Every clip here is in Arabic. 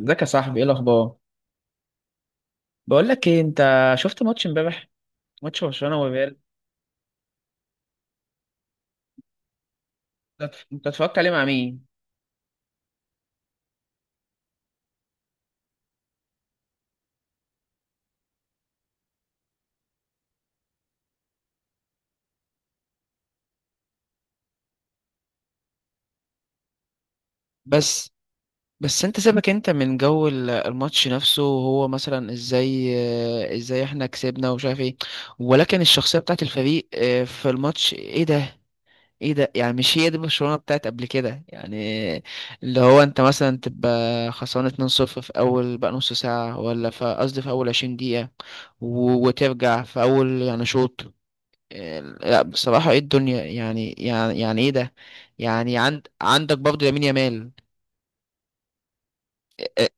ازيك يا صاحبي، ايه الاخبار؟ بقول لك ايه، انت شفت ماتش امبارح؟ ماتش برشلونه والريال؟ انت اتفرجت عليه مع مين؟ بس بس انت سيبك انت من جو الماتش نفسه وهو مثلا ازاي، اه، ازاي احنا كسبنا ومش عارف ايه، ولكن الشخصية بتاعت الفريق في الماتش؟ ايه ده؟ ايه ده يعني؟ مش هي دي برشلونة بتاعت قبل كده؟ يعني اللي هو انت مثلا تبقى خسران 2-0 في اول بقى نص ساعة، ولا في قصدي في اول 20 دقيقة وترجع في اول يعني شوط. لا بصراحة ايه الدنيا، يعني ايه ده؟ يعني عندك برضه لامين يامال. آه،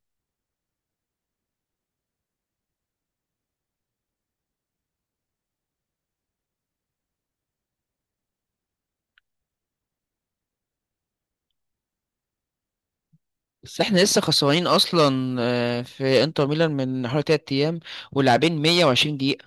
بس احنا لسه خسرانين اصلا في انتر ميلان من حوالي تلات ايام، ولاعبين 120 دقيقة.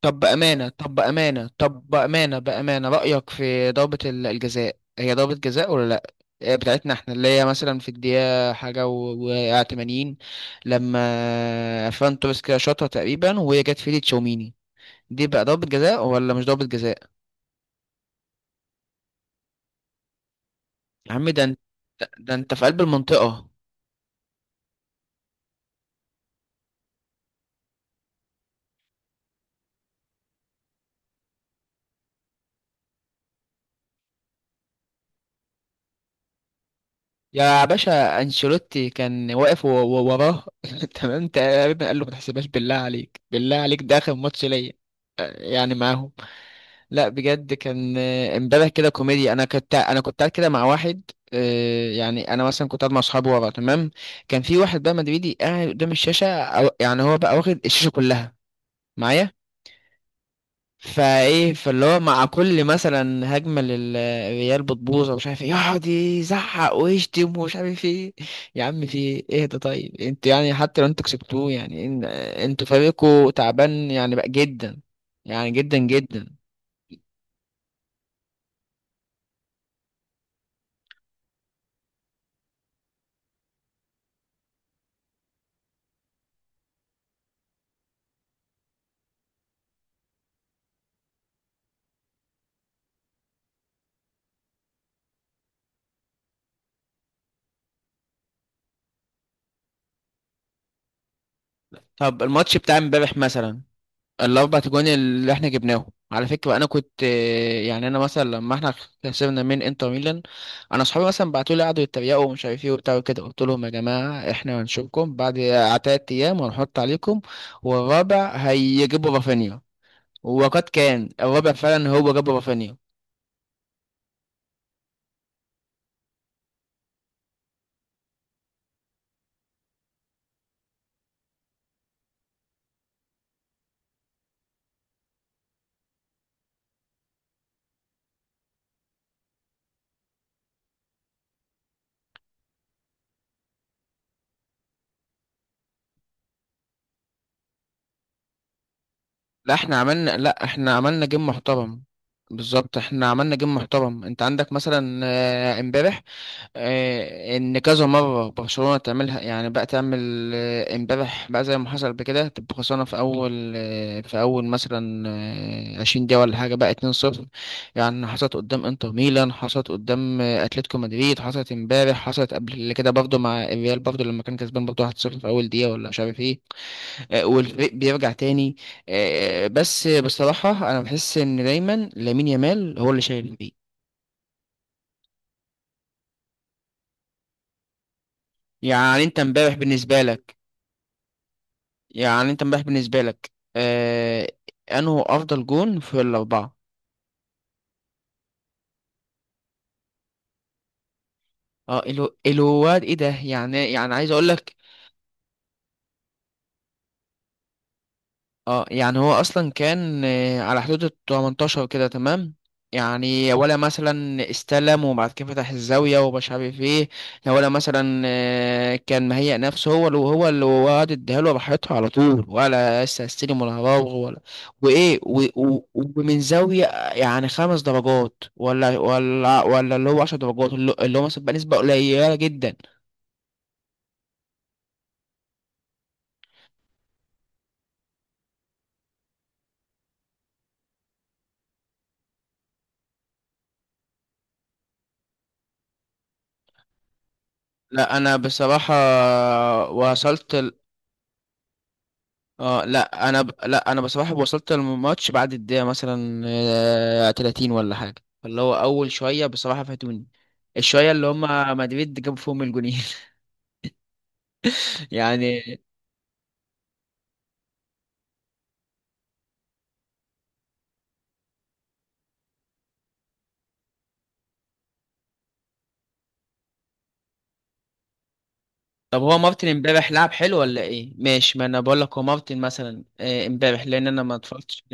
طب بأمانة، بأمانة رأيك في ضربة الجزاء؟ هي ضربة جزاء ولا لا؟ بتاعتنا احنا اللي هي مثلا في الدقيقة حاجة و 80، لما فران توريس كده شاطها تقريبا وهي جت في ايد تشاوميني، دي بقى ضربة جزاء ولا مش ضربة جزاء؟ يا عم ده انت، ده انت في قلب المنطقة. يا باشا انشيلوتي كان واقف وراه تمام تقريبا قال له ما تحسبهاش، بالله عليك، بالله عليك، ده اخر ماتش ليا يعني معاهم. لا بجد كان امبارح كده كوميديا. انا كنت، انا كنت قاعد كده مع واحد، يعني انا مثلا كنت قاعد مع اصحابي ورا تمام، كان في واحد بقى مدريدي قاعد قدام الشاشه، يعني هو بقى واخد الشاشه كلها معايا. فاللي هو مع كل مثلا هجمه للريال بتبوظ ومش عارف ايه يقعد يزعق ويشتم ومش عارف ايه. يا عم في ايه ده؟ طيب انتوا يعني حتى لو انتوا كسبتوه يعني، انتوا فريقكوا تعبان يعني بقى جدا، يعني جدا جدا. طب الماتش بتاع امبارح مثلا، الاربع تجوان اللي احنا جبناهم، على فكره انا كنت، يعني انا مثلا لما احنا خسرنا من انتر ميلان، انا اصحابي مثلا بعتوا لي قعدوا يتريقوا ومش عارف ايه وبتاع وكده، قلت لهم يا جماعه احنا هنشوفكم بعد تلات ايام وهنحط عليكم، والرابع هيجيبوا رافينيا. وقد كان، الرابع فعلا هو جاب رافينيا. لا احنا عملنا جيم محترم. بالظبط احنا عملنا جيم محترم. انت عندك مثلا امبارح، ان كذا مره برشلونه تعملها، يعني بقى تعمل امبارح بقى زي ما حصل. بكده تبقى خسرانه في اول، في اول مثلا 20 دقيقه ولا حاجه بقى، 2-0. يعني حصلت قدام انتر ميلان، حصلت قدام اتلتيكو مدريد، حصلت امبارح، حصلت قبل كده برضه مع الريال، برضه لما كان كسبان برضه 1-0 في اول دقيقه ولا مش عارف ايه، والفريق بيرجع تاني. بس بصراحه انا بحس ان دايما لامين يامال هو اللي شايل الفريق. يعني انت امبارح بالنسبه لك، يعني انت امبارح بالنسبة لك، آه، انه افضل جون في الاربعة؟ اه الو، الواد ايه ده يعني، عايز اقول لك، اه يعني هو اصلا كان على حدود ال 18 كده تمام، يعني ولا مثلا استلم وبعد كده فتح الزاوية ومش عارف ايه، لا، ولا مثلا كان مهيأ نفسه هو اللي هو، وعد اديها له راحتها على طول، ولا لسه هستلم، ولا هراوغ، ولا وايه ومن زاوية يعني خمس درجات، ولا اللي هو عشر درجات، اللي هو مثلا بقى نسبة قليلة جدا. لا انا بصراحة وصلت، لا انا بصراحه وصلت الماتش بعد الدقيقه مثلا 30 ولا حاجه، فاللي هو اول شويه بصراحه فاتوني، الشويه اللي هم مدريد جابوا فيهم الجونين. يعني طب هو مارتن امبارح لعب حلو ولا ايه؟ ماشي، ما انا بقول لك، هو مارتن مثلا امبارح لان انا ما اتفرجتش.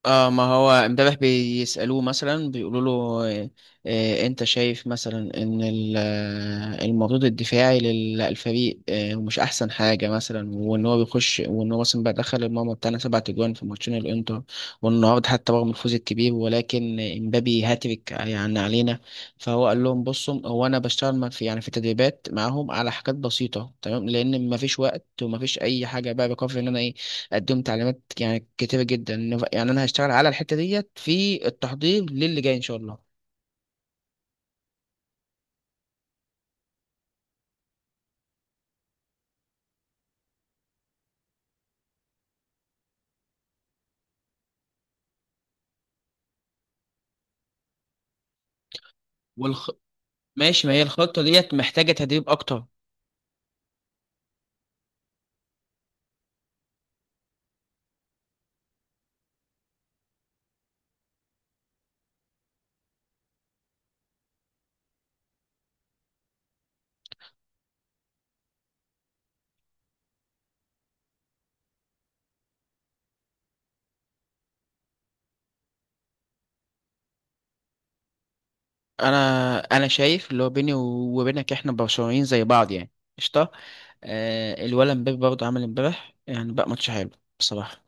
اه، ما هو امبارح بيسألوه مثلا، بيقولوا له آه، انت شايف مثلا ان المردود الدفاعي للفريق مش احسن حاجة مثلا، وان هو بيخش، وان هو مثلا بقى دخل الماما بتاعنا سبع تجوان في ماتشين الانتر، والنهارده حتى رغم الفوز الكبير ولكن امبابي هاتريك يعني علينا. فهو قال لهم بصوا، هو انا بشتغل ما في يعني في تدريبات معاهم على حاجات بسيطة تمام، لان ما فيش وقت وما فيش اي حاجة، بقى بكفي ان انا إيه قدمت تعليمات يعني كتيرة جدا، يعني انا هشتغل على الحتة ديت في التحضير للي جاي ان شاء الله. والخ... ماشي، ما هي الخطة ديت محتاجة تدريب اكتر. انا شايف اللي هو، بيني وبينك احنا برشلونيين زي بعض يعني. قشطة. آه الولد امبابي برضه عمل امبارح يعني بقى ماتش حلو بصراحة.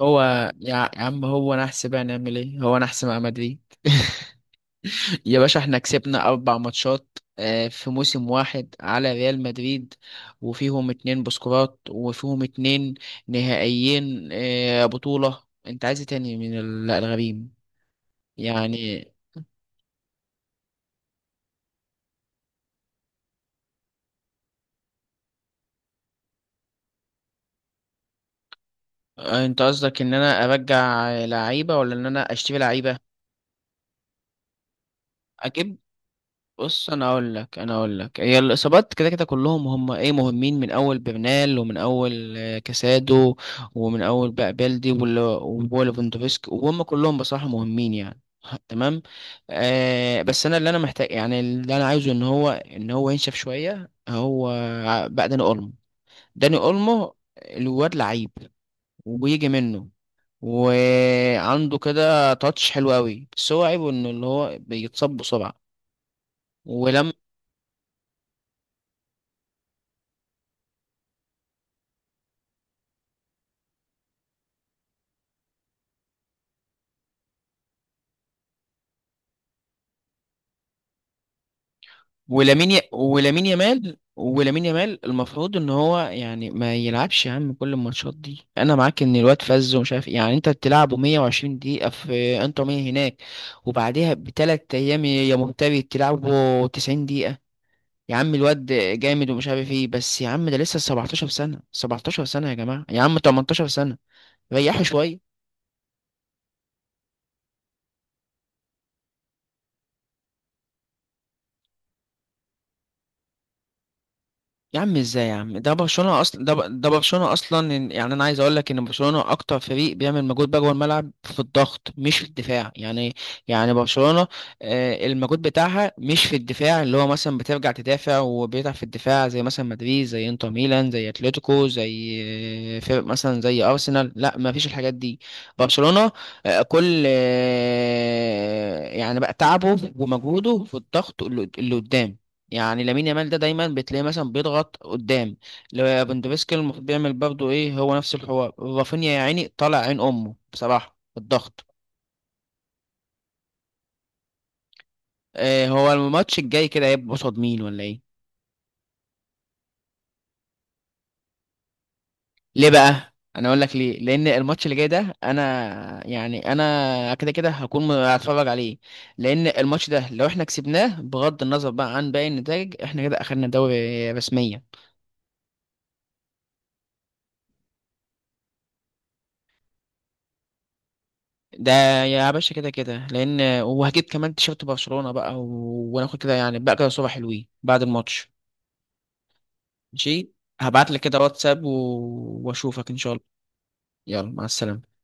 هو يا عم هو نحس بقى، نعمل ايه، هو نحس مع مدريد. يا باشا احنا كسبنا أربع ماتشات في موسم واحد على ريال مدريد، وفيهم اتنين بسكورات وفيهم اتنين نهائيين بطولة، انت عايز إيه تاني من الغريم يعني؟ انت قصدك ان انا ارجع لعيبة ولا ان انا اشتري لعيبة؟ اجيب، بص انا اقول لك، انا اقول لك، هي الاصابات كده كده كلهم هم ايه مهمين، من اول برنال، ومن اول كاسادو، ومن اول بقى بلدي وليفاندوفسكي، وهم كلهم بصراحه مهمين يعني. تمام. آه بس انا اللي انا محتاج يعني، اللي انا عايزه ان هو، ان هو ينشف شويه هو، بقى داني اولمو. داني اولمو الواد لعيب وبيجي منه وعنده كده تاتش حلو قوي، بس هو عيبه انه اللي هو بيتصاب بسرعه ولما، ولامين يامال، ولامين يامال المفروض ان هو يعني ما يلعبش. يا عم كل الماتشات دي انا معاك ان الواد فز ومش عارف إيه. يعني انت بتلعبه 120 دقيقه في انتر ميامي هناك وبعدها بثلاث ايام يا مهتبي تلعبه 90 دقيقه. يا عم الواد جامد ومش عارف ايه، بس يا عم ده لسه 17 سنه، 17 سنه يا جماعه، يا عم 18 سنه، ريحوا شويه. يا عم ازاي يا عم، ده برشلونة اصلا، ده برشلونة اصلا، يعني انا عايز اقول لك ان برشلونة اكتر فريق بيعمل مجهود بقى جوه الملعب في الضغط مش في الدفاع، يعني. يعني برشلونة المجهود بتاعها مش في الدفاع، اللي هو مثلا بترجع تدافع وبيتعب في الدفاع زي مثلا مدريد، زي انتر ميلان، زي اتلتيكو، زي فرق مثلا زي ارسنال، لا ما فيش الحاجات دي. برشلونة آه، كل آه، يعني بقى تعبه ومجهوده في الضغط اللي، اللي قدام. يعني لامين يامال ده دايما بتلاقيه مثلا بيضغط قدام، لو بندوفسكي المفروض بيعمل برضه ايه، هو نفس الحوار، رافينيا يا عيني طالع عين امه بصراحه في الضغط. آه، هو الماتش الجاي كده هيبقى قصاد مين ولا ايه؟ ليه بقى؟ انا اقول لك ليه، لان الماتش اللي جاي ده انا يعني انا كده كده هكون هتفرج عليه، لان الماتش ده لو احنا كسبناه بغض النظر بقى عن باقي النتائج، احنا كده اخدنا دوري رسميا. ده يا باشا كده كده، لان وهجيب كمان تيشيرت برشلونة بقى وناخد كده يعني بقى كده صورة حلوين بعد الماتش. ماشي، هبعت لك كده واتساب واشوفك ان شاء الله. يلا مع السلامة.